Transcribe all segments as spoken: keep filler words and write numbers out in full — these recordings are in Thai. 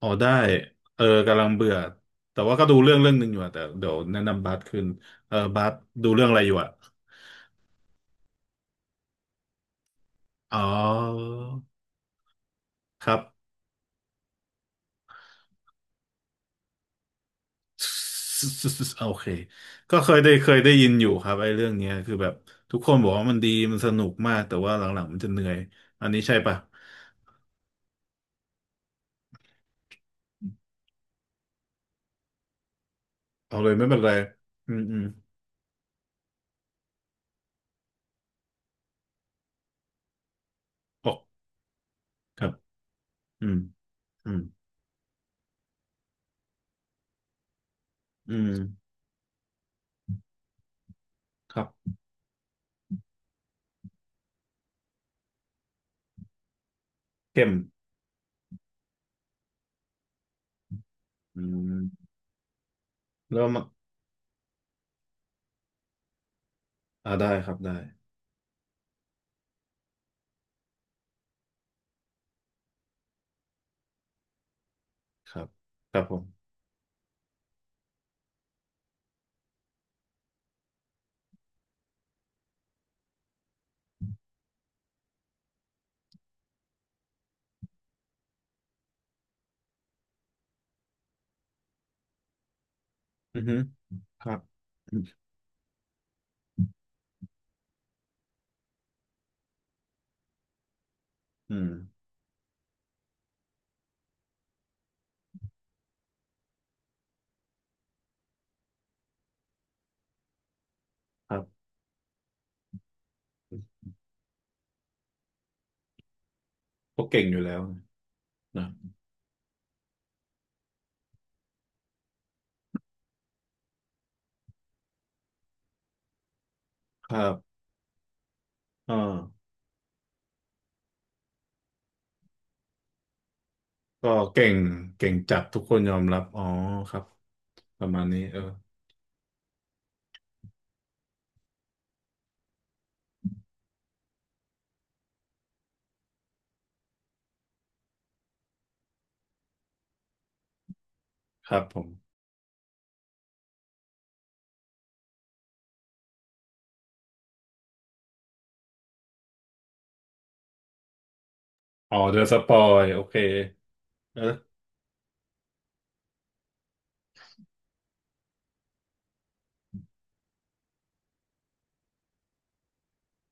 อ๋อได้เออกำลังเบื่อแต่ว่าก็ดูเรื่องเรื่องหนึ่งอยู่อะแต่เดี๋ยวแนะนำบาสขึ้นเออบาสดูเรื่องอะไรอยู่อะอ๋อครับ โอเคก็เคยได้เคยได้ยินอยู่ครับไอ้เรื่องเนี้ยคือแบบทุกคนบอกว่ามันดีมันสนุกมากแต่ว่าหลังๆมันจะเหนื่อยอันนี้ใช่ปะเอาเลยไม่เป็นไรอืมอืมออกครับอืมอืมอืมครับเข้มอืมเริ่มอ่ะอ่าได้ครับได้ครับครับผมอือฮึครับ อืมครับก็เก่งอยู่แล้วนะครับอ่าก็เก่งเก่งจัดทุกคนยอมรับอ๋อครับประมาณนี้เออครับผมอ๋อเดอะสปอยโอเคเออ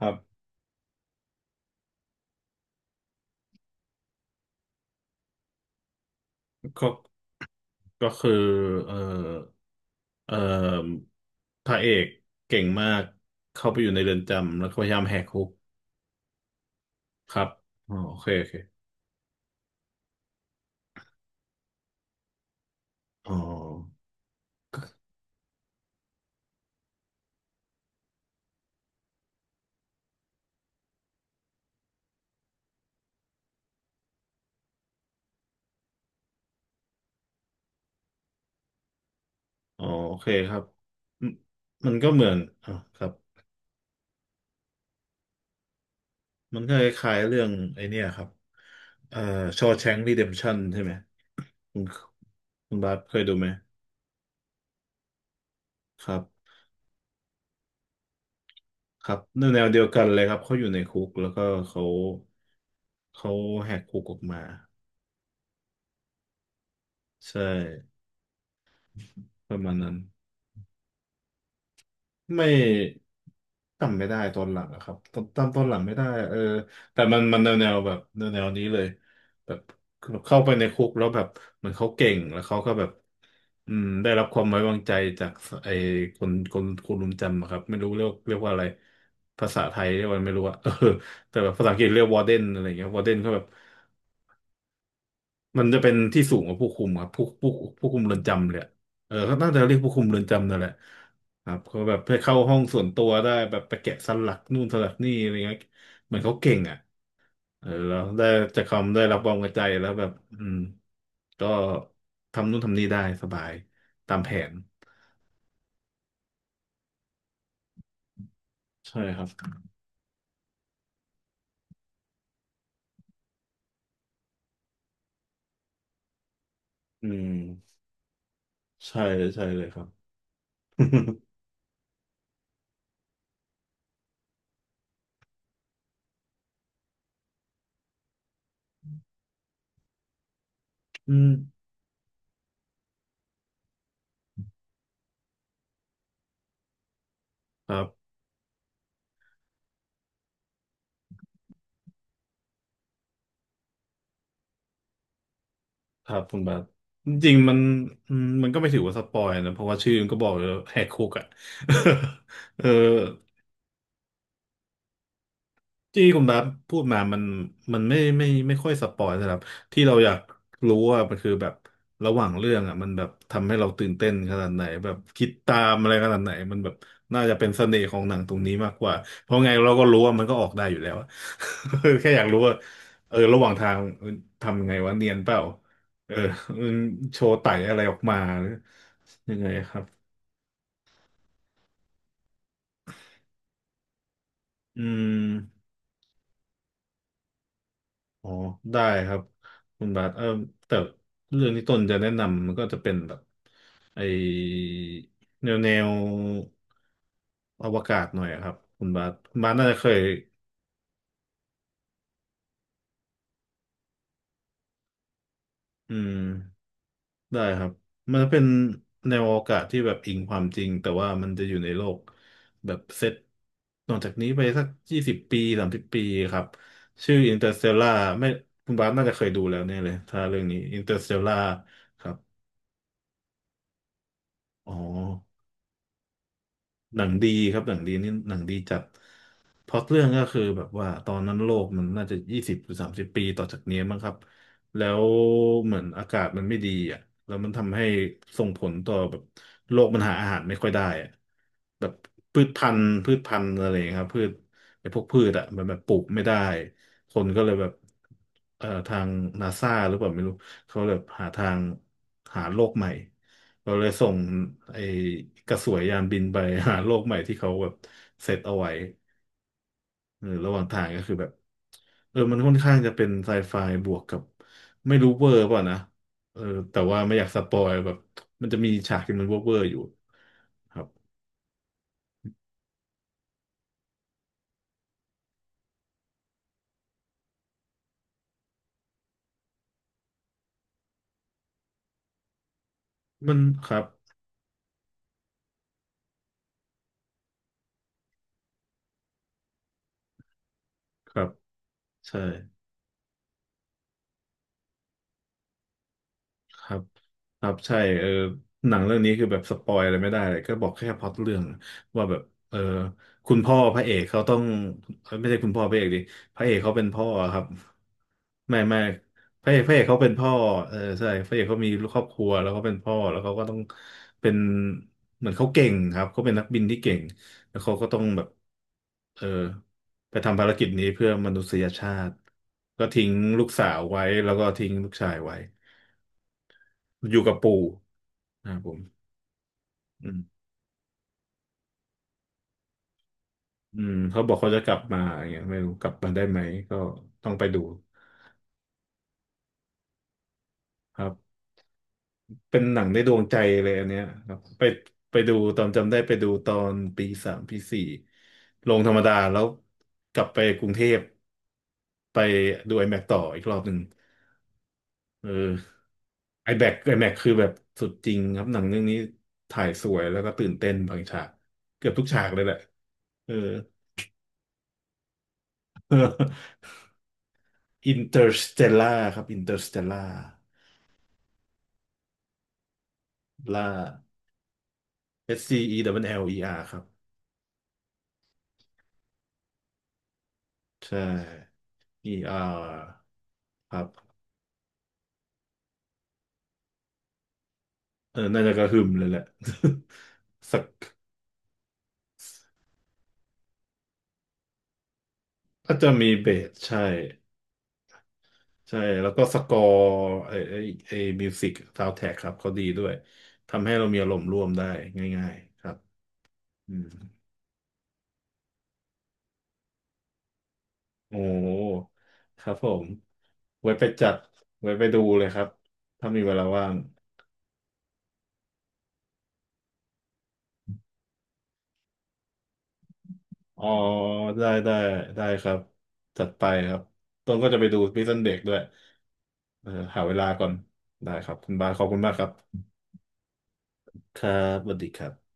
ครับก็ก็คือเออเออพระเอกเก่งมากเข้าไปอยู่ในเรือนจำแล้วก็พยายามแหกคุกครับอ๋อโอเคโอเคอ๋ออ๋อโอเคครับมันมันก็เหมือนอ่ะครับ มันก็คล้ายๆเรื่องไอ้เนี่ยครับเอ่อชอว์แชงก์รีเดมชั่นใช่ไหมคุณคุณบาสเคยดูไหมครับครับแนวเดียวกันเลยครับเขาอยู่ในคุกแล้วก็เขาเขาแหกคุกออกมาใช่ประมาณนั้น ไม่จำไม่ได้ตอนหลังอะครับตอนตอตอนหลังไม่ได้เออแต่มันมันแนวแนวแบบแนวแนวนี้เลยแบบคือแบบเข้าไปในคุกแล้วแบบเหมือนเขาเก่งแล้วเขาก็แบบอืมได้รับความไว้วางใจจากไอ้คนคนคนรุมจำอะครับไม่รู้เรียกเรียกว่าอะไรภาษาไทยเรียกว่าไม่รู้อะ เออแต่แบบภาษาอังกฤษเรียกวอร์เดนอะไรเงี้ยวอร์เดนก็แบบ มันจะเป็นที่สูงกว่าผู้คุมครับผู้ผู้ผู้คุมเรือนจำเลยอะเออเขาน่าจะเรียกผู้คุมเรือนจำนั่นแหละครับเขาแบบไปเข้าห้องส่วนตัวได้แบบไปแกะสลักนู่นสลักนี่อะไรเงี้ยเหมือนเขาเก่งอ่ะเออแล้วได้จากคำได้รับความไว้ใจแล้วแบบอืมก็ทำนู่นทำนี่ได้สบายตามแผนใช่ครับอืมใช่ใช่เลยครับ อืมครับ ครับคุณบาสจริงๆมันอืมมันก็ไม่ถือว่าสปอยนะเพราะว่าชื่อมันก็บอกเลยแหกคุกอ่ะ เออ ที่คุณบาสพูดมามันมันไม่ไม่ไม่ค่อยสปอยนะครับที่เราอยากรู้ว่ามันคือแบบระหว่างเรื่องอ่ะมันแบบทำให้เราตื่นเต้นขนาดไหนแบบคิดตามอะไรขนาดไหนมันแบบน่าจะเป็นเสน่ห์ของหนังตรงนี้มากกว่าเพราะไงเราก็รู้ว่ามันก็ออกได้อยู่แล้วอะ แค่อยากรู้ว่าเออระหว่างทางทำยังไงวะเนียนเปล่าเออมันโชว์ไต่อะไรออกมาหรือยังไงครับอืม อ๋อได้ครับคุณบาทเออแต่เรื่องที่ต้นจะแนะนำมันก็จะเป็นแบบไอแนวแนวอวกาศหน่อยอะครับคุณบาทคุณบาทน่าจะเคยอืมได้ครับ มันจะเป็นแนวอวกาศที่แบบอิงความจริงแต่ว่ามันจะอยู่ในโลกแบบเซตนอกจากนี้ไปสักยี่สิบปีสามสิบปีครับชื่อ Interstellar ไม่คุณบาสน่าจะเคยดูแล้วแน่ยเลยถ้าเรื่องนี้ Interstellar ครับอ๋อ หนังดีครับหนังดีนี่หนังดีจัดพล็อตเรื่องก็คือแบบว่าตอนนั้นโลกมันน่าจะยี่สิบหรือสามสิบปีต่อจากนี้มั้งครับแล้วเหมือนอากาศมันไม่ดีอ่ะแล้วมันทำให้ส่งผลต่อแบบโลกมันหาอาหารไม่ค่อยได้อะแบบพืชพันธุ์พืชพันธุ์อะไรอย่างเงี้ยครับพืชไอ้พวกพืชอ่ะมันแบบปลูกไม่ได้คนก็เลยแบบเอ่อทางนาซาหรือเปล่าไม่รู้เขาแบบหาทางหาโลกใหม่ เราเลยส่งไอ้กระสวยยานบินไปหาโลกใหม่ที่เขาแบบเซตเอาไว้เออระหว่างทางก็คือแบบเออมันค่อนข้างจะเป็นไซไฟบวกกับไม่รู้เวอร์เปล่ะนะเออแต่ว่าไม่อยากสปอยแบบมันจะมีฉากที่มันเวอร์เวอร์อยู่ครับมันครับครับใช่ ครับครับใช่เออหนังเรื่องนี้คือแบบสปอยอะไรไม่ได้เลยก็บอกแค่พล็อตเรื่องว่าแบบเออคุณพ่อพระเอกเขาต้องไม่ใช่คุณพ่อพระเอกดิพระเอกเขาเป็นพ่อครับไม่ไม่พระเอกพระเอกเขาเป็นพ่อเออใช่พระเอกเขามีครอบครัวแล้วเขาเป็นพ่อแล้วเขาก็ต้องเป็นเหมือนเขาเก่งครับเขาเป็นนักบินที่เก่งแล้วเขาก็ต้องแบบเออไปทำภารกิจนี้เพื่อมนุษยชาติก็ทิ้งลูกสาวไว้แล้วก็ทิ้งลูกชายไว้ อยู่กับปู่นะครับผมอืมอืมเขาบอกเขาจะกลับมาอย่างเงี้ยไม่รู้กลับมาได้ไหมก็ต้องไปดูครับเป็นหนังในดวงใจเลยอันเนี้ยครับไปไปดูตอนจำได้ไปดูตอนปีสามปีสี่ลงธรรมดาแล้วกลับไปกรุงเทพไปดู IMAX ต่ออีกรอบหนึ่งเออ IMAX ไอแมกซ์ คือแบบสุดจริงครับหนังเรื่องนี้ถ่ายสวยแล้วก็ตื่นเต้นบางฉากเกือบทุกฉากเลยแหละเออ อินเตอร์สเตลล่าครับอินเตอร์สเตลล่าล่า เอส ซี อี ออ แอล อี อาร์ ครับใช่ E R ครับเออน่าจะกระหึ่มเลยแหละ สักน่าจะมีเบสใช่ใช่แล้วก็สกอร์ไอไอไอมิวสิกซาวด์แทร็กครับเขาดีด้วยทำให้เรามีอารมณ์ร่วมได้ง่ายๆครับอืมโอ้ครับผมไว้ไปจัดไว้ไปดูเลยครับถ้ามีเวลาว่าง อ๋อได้ได้ได้ครับจัดไปครับต้นก็จะไปดูพิซซันเด็กด้วยเออหาเวลาก่อนได้ครับคุณบาสขอบคุณมากครับครับสวัสดีครับ